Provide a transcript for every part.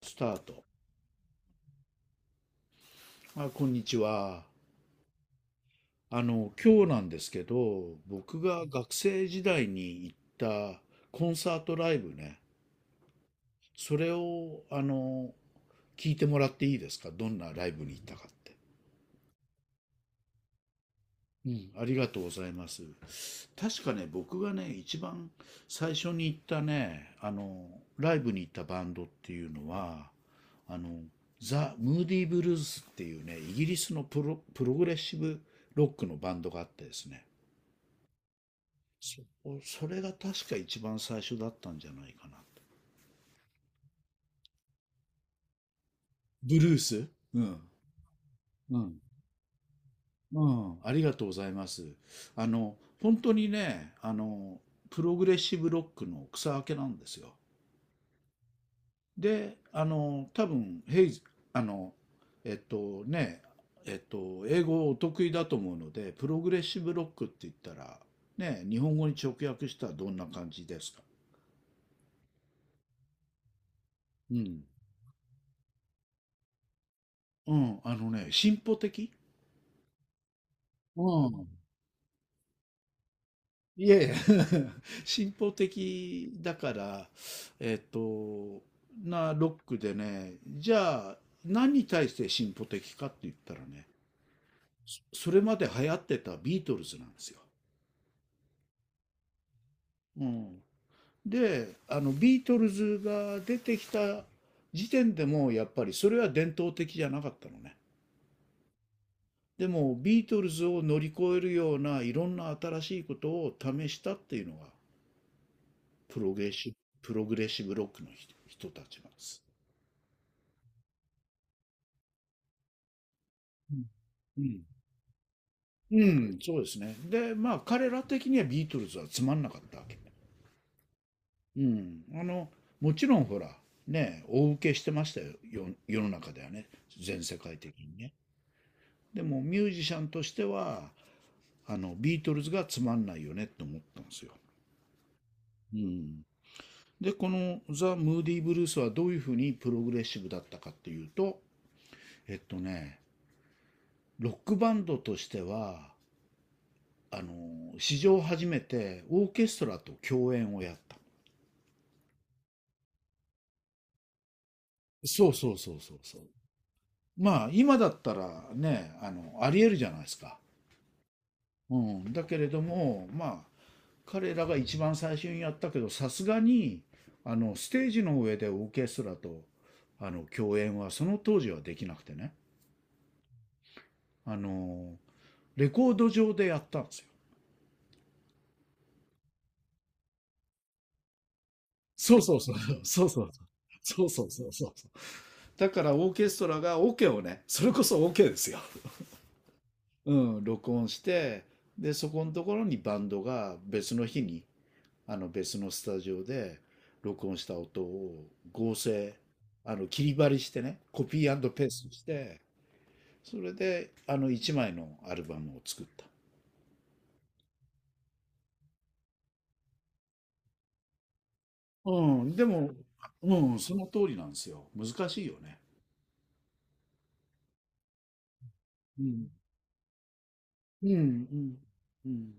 スタート。あ、こんにちは。今日なんですけど、僕が学生時代に行ったコンサートライブね、それを、聞いてもらっていいですか？どんなライブに行ったかって。うん、ありがとうございます。確かね、僕がね、一番最初に行ったね、ライブに行ったバンドっていうのは、あの、ザ・ムーディー・ブルースっていうね、イギリスのプログレッシブロックのバンドがあってですね、そそれが確か一番最初だったんじゃないかなと。ブルース、うん。うん。うん。ありがとうございます。本当にね、プログレッシブロックの草分けなんですよ。で、多分、ヘイズ、あの、えっとね、英語お得意だと思うので、プログレッシブロックって言ったら、ね、日本語に直訳したらどんな感じですか？うん。うん、あのね、進歩的。うん。いえいえ。 進歩的だから、えっと、なロックでね、じゃあ何に対して進歩的かって言ったらね、それまで流行ってたビートルズなんですよ。うん、で、あのビートルズが出てきた時点でもやっぱりそれは伝統的じゃなかったのね。でもビートルズを乗り越えるようないろんな新しいことを試したっていうのがプロゲーシ、プログレッシブロックの人たちなんです。うん。うん、うんそうですね。で、まあ、彼ら的にはビートルズはつまんなかったわけ。うん。もちろんほら、ね、大受けしてましたよ、よ世の中ではね。全世界的にね。でも、ミュージシャンとしては、ビートルズがつまんないよねと思ったんですよ。うん。で、このザ・ムーディ・ブルースはどういうふうにプログレッシブだったかっていうと、えっとね、ロックバンドとしては、史上初めてオーケストラと共演をやった。そうそうそうそうそう。まあ、今だったらね、ありえるじゃないですか。うん。だけれども、まあ、彼らが一番最初にやったけど、さすがに、ステージの上でオーケストラと、共演はその当時はできなくてね。あの、レコード上でやったんですよ。そうそうそう。そうそうそう。そうそうそうそうそう。だからオーケストラがケをね、それこそオ、ケですよ。うん、録音して、で、そこのところにバンドが別の日に、あの別のスタジオで録音した音を合成、あの切り貼りしてね、コピーペーストして、それであの1枚のアルバムを作った。うん、でも、うん、その通りなんですよ。難しいよね。うん、うん、うん、うん、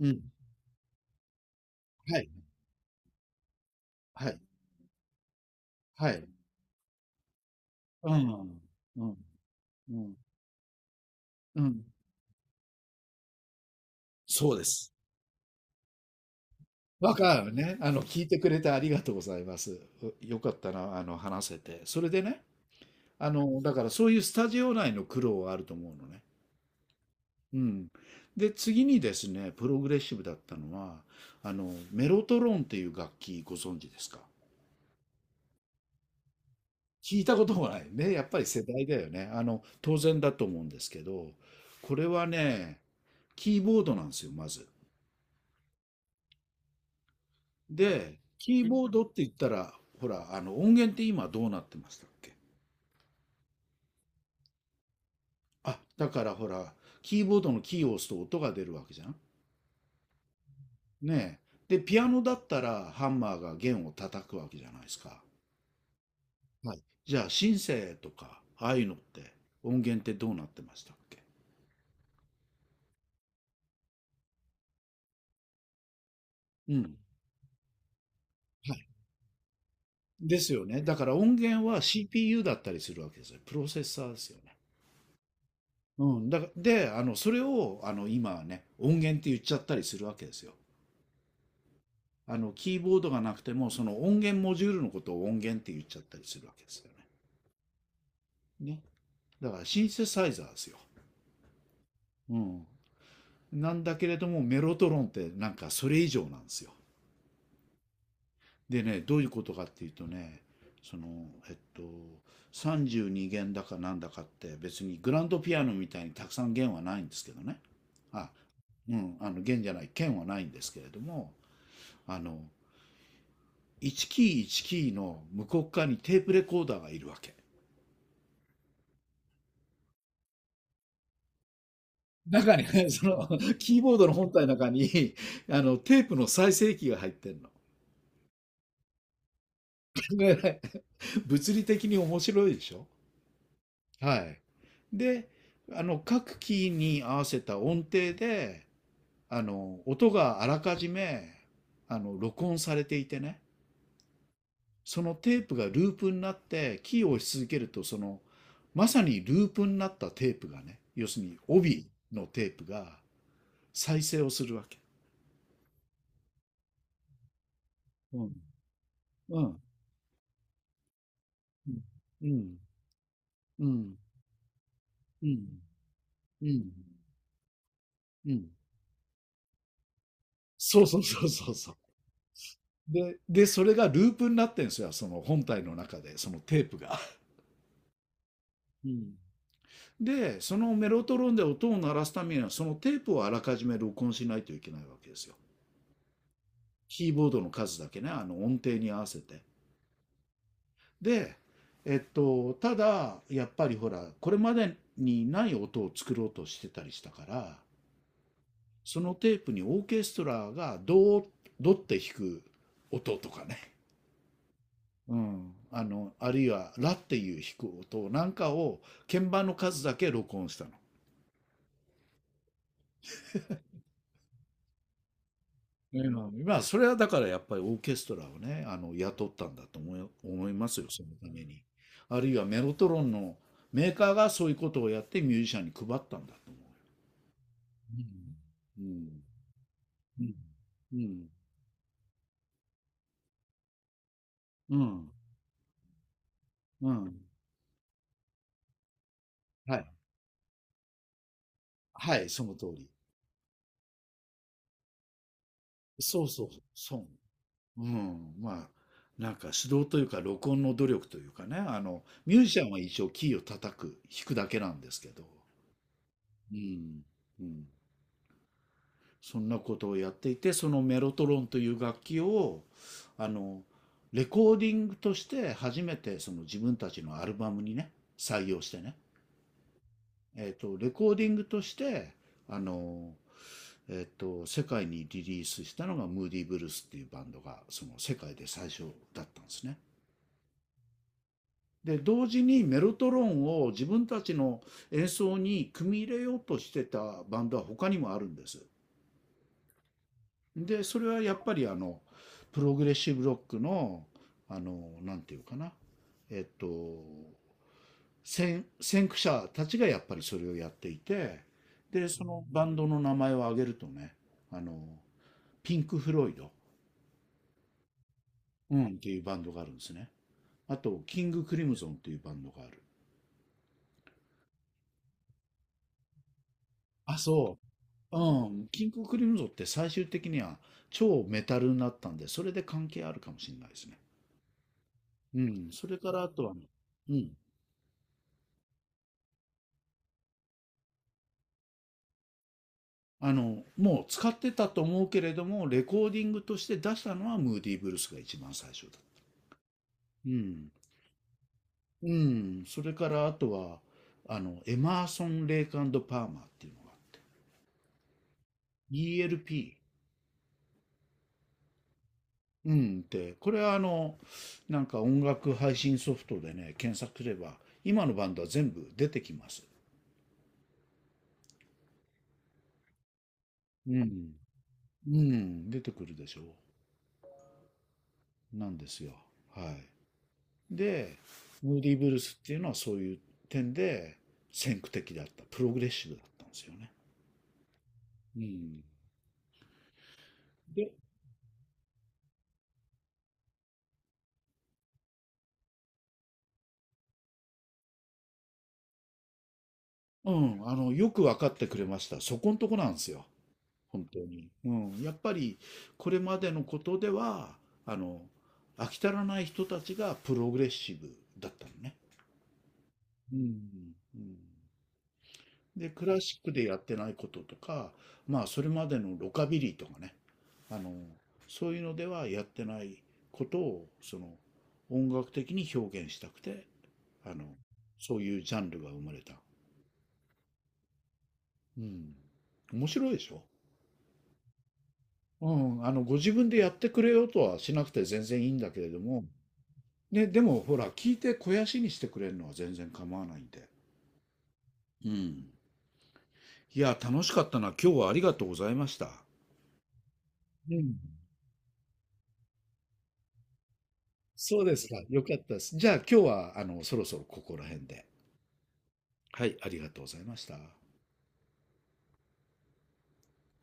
うん。はい、はい、はい。うん、うん、うん、うん。そうです。わかるね。聞いてくれてありがとうございます。うよかったな、話せて。それでね、だからそういうスタジオ内の苦労はあると思うのね。うん。で、次にですね、プログレッシブだったのは、メロトロンっていう楽器ご存知ですか？聞いたこともないね。やっぱり世代だよね。当然だと思うんですけど、これはね、キーボードなんですよ、まず。で、キーボードって言ったら、ほら、音源って今どうなってましたっけ？あ、だからほら、キーボードのキーを押すと音が出るわけじゃん。ねえ。で、ピアノだったらハンマーが弦を叩くわけじゃないですか。はい。じゃあ、シンセとか、ああいうのって音源ってどうなってましたっけ？うん。はい。ですよね。だから音源は CPU だったりするわけですよ。プロセッサーですよね。うん。だからで、それを、今はね、音源って言っちゃったりするわけですよ。キーボードがなくても、その音源モジュールのことを音源って言っちゃったりするわけですよね。ね。だからシンセサイザーですよ。うん。なんだけれどもメロトロンってなんかそれ以上なんですよ。でねどういうことかっていうとねそのえっと32弦だかなんだかって別にグランドピアノみたいにたくさん弦はないんですけどね。あ、うん、あの弦じゃない、弦はないんですけれども、あの1キー1キーの向こう側にテープレコーダーがいるわけ。中にね、そのキーボードの本体の中にあのテープの再生機が入ってるの。考えられ、物理的に面白いでしょ？はい。で、あの各キーに合わせた音程で、あの音があらかじめあの録音されていてね、そのテープがループになってキーを押し続けるとそのまさにループになったテープがね、要するに帯のテープが再生をするわけ。うん、うん、うん、うん、うん、うん、うん、そうそうそうそうそ、で、で、それがループになってんですよ、その本体の中で、そのテープが。うん。で、そのメロトロンで音を鳴らすためには、そのテープをあらかじめ録音しないといけないわけですよ。キーボードの数だけね、あの音程に合わせて。で、ただ、やっぱりほら、これまでにない音を作ろうとしてたりしたから、そのテープにオーケストラがドー、ドって弾く音とかね、うん、あるいは、ラっていう弾く音なんかを、鍵盤の数だけ録音したの。うん、まあ、それはだからやっぱりオーケストラをね、雇ったんだと思いますよ、そのために。あるいはメロトロンのメーカーがそういうことをやってミュージシャンに配ったんだと思う。うん。うん。うん。うん。うん。うん。はい。はい、その通り。そうそう、そう。うん、まあ、なんか指導というか録音の努力というかね、ミュージシャンは一応キーを叩く、弾くだけなんですけど、うん、うん。そんなことをやっていて、そのメロトロンという楽器を、あの、レコーディングとして初めてその自分たちのアルバムにね、採用してね、レコーディングとして、あの、世界にリリースしたのがムーディ・ブルースっていうバンドが、その世界で最初だったんですね。で同時にメロトロンを自分たちの演奏に組み入れようとしてたバンドは他にもあるんです。でそれはやっぱりあのプログレッシブロックのあのなんていうかな、えっと先駆者たちがやっぱりそれをやっていて、でそのバンドの名前を挙げるとね、あのピンク・フロイド、うん、っていうバンドがあるんですね。あとキング・クリムゾンっていうバンドがある。あ、そう。うん、キングクリムゾンって最終的には超メタルになったんで、それで関係あるかもしれないですね。うん、それからあとはね、うん、もう使ってたと思うけれども、レコーディングとして出したのはムーディーブルースが一番最初だ。うん、うん、それからあとは、エマーソン・レイクパーマーっていうのがあって、ELP。うん、って、これはあの、なんか音楽配信ソフトでね、検索すれば、今のバンドは全部出てきます。うん。うん、出てくるでしょう。なんですよ。はい。で、ムーディ・ブルースっていうのはそういう点で先駆的だった。プログレッシブだったんですよね。うん。で、うん、よく分かってくれました。そこんとこなんですよ。本当に。うん。やっぱり、これまでのことでは、あの、飽き足らない人たちがプログレッシブだったのね。うん。うんで、クラシックでやってないこととか、まあ、それまでのロカビリーとかね、あの、そういうのではやってないことを、その、音楽的に表現したくて、あの、そういうジャンルが生まれた。うん。面白いでしょ？うん。ご自分でやってくれようとはしなくて全然いいんだけれども、ね、でもほら、聞いて肥やしにしてくれるのは全然構わないんで。うん。いや、楽しかったな。今日はありがとうございました。うん。そうですか。よかったです。じゃあ今日は、そろそろここら辺で。はい、ありがとうございました。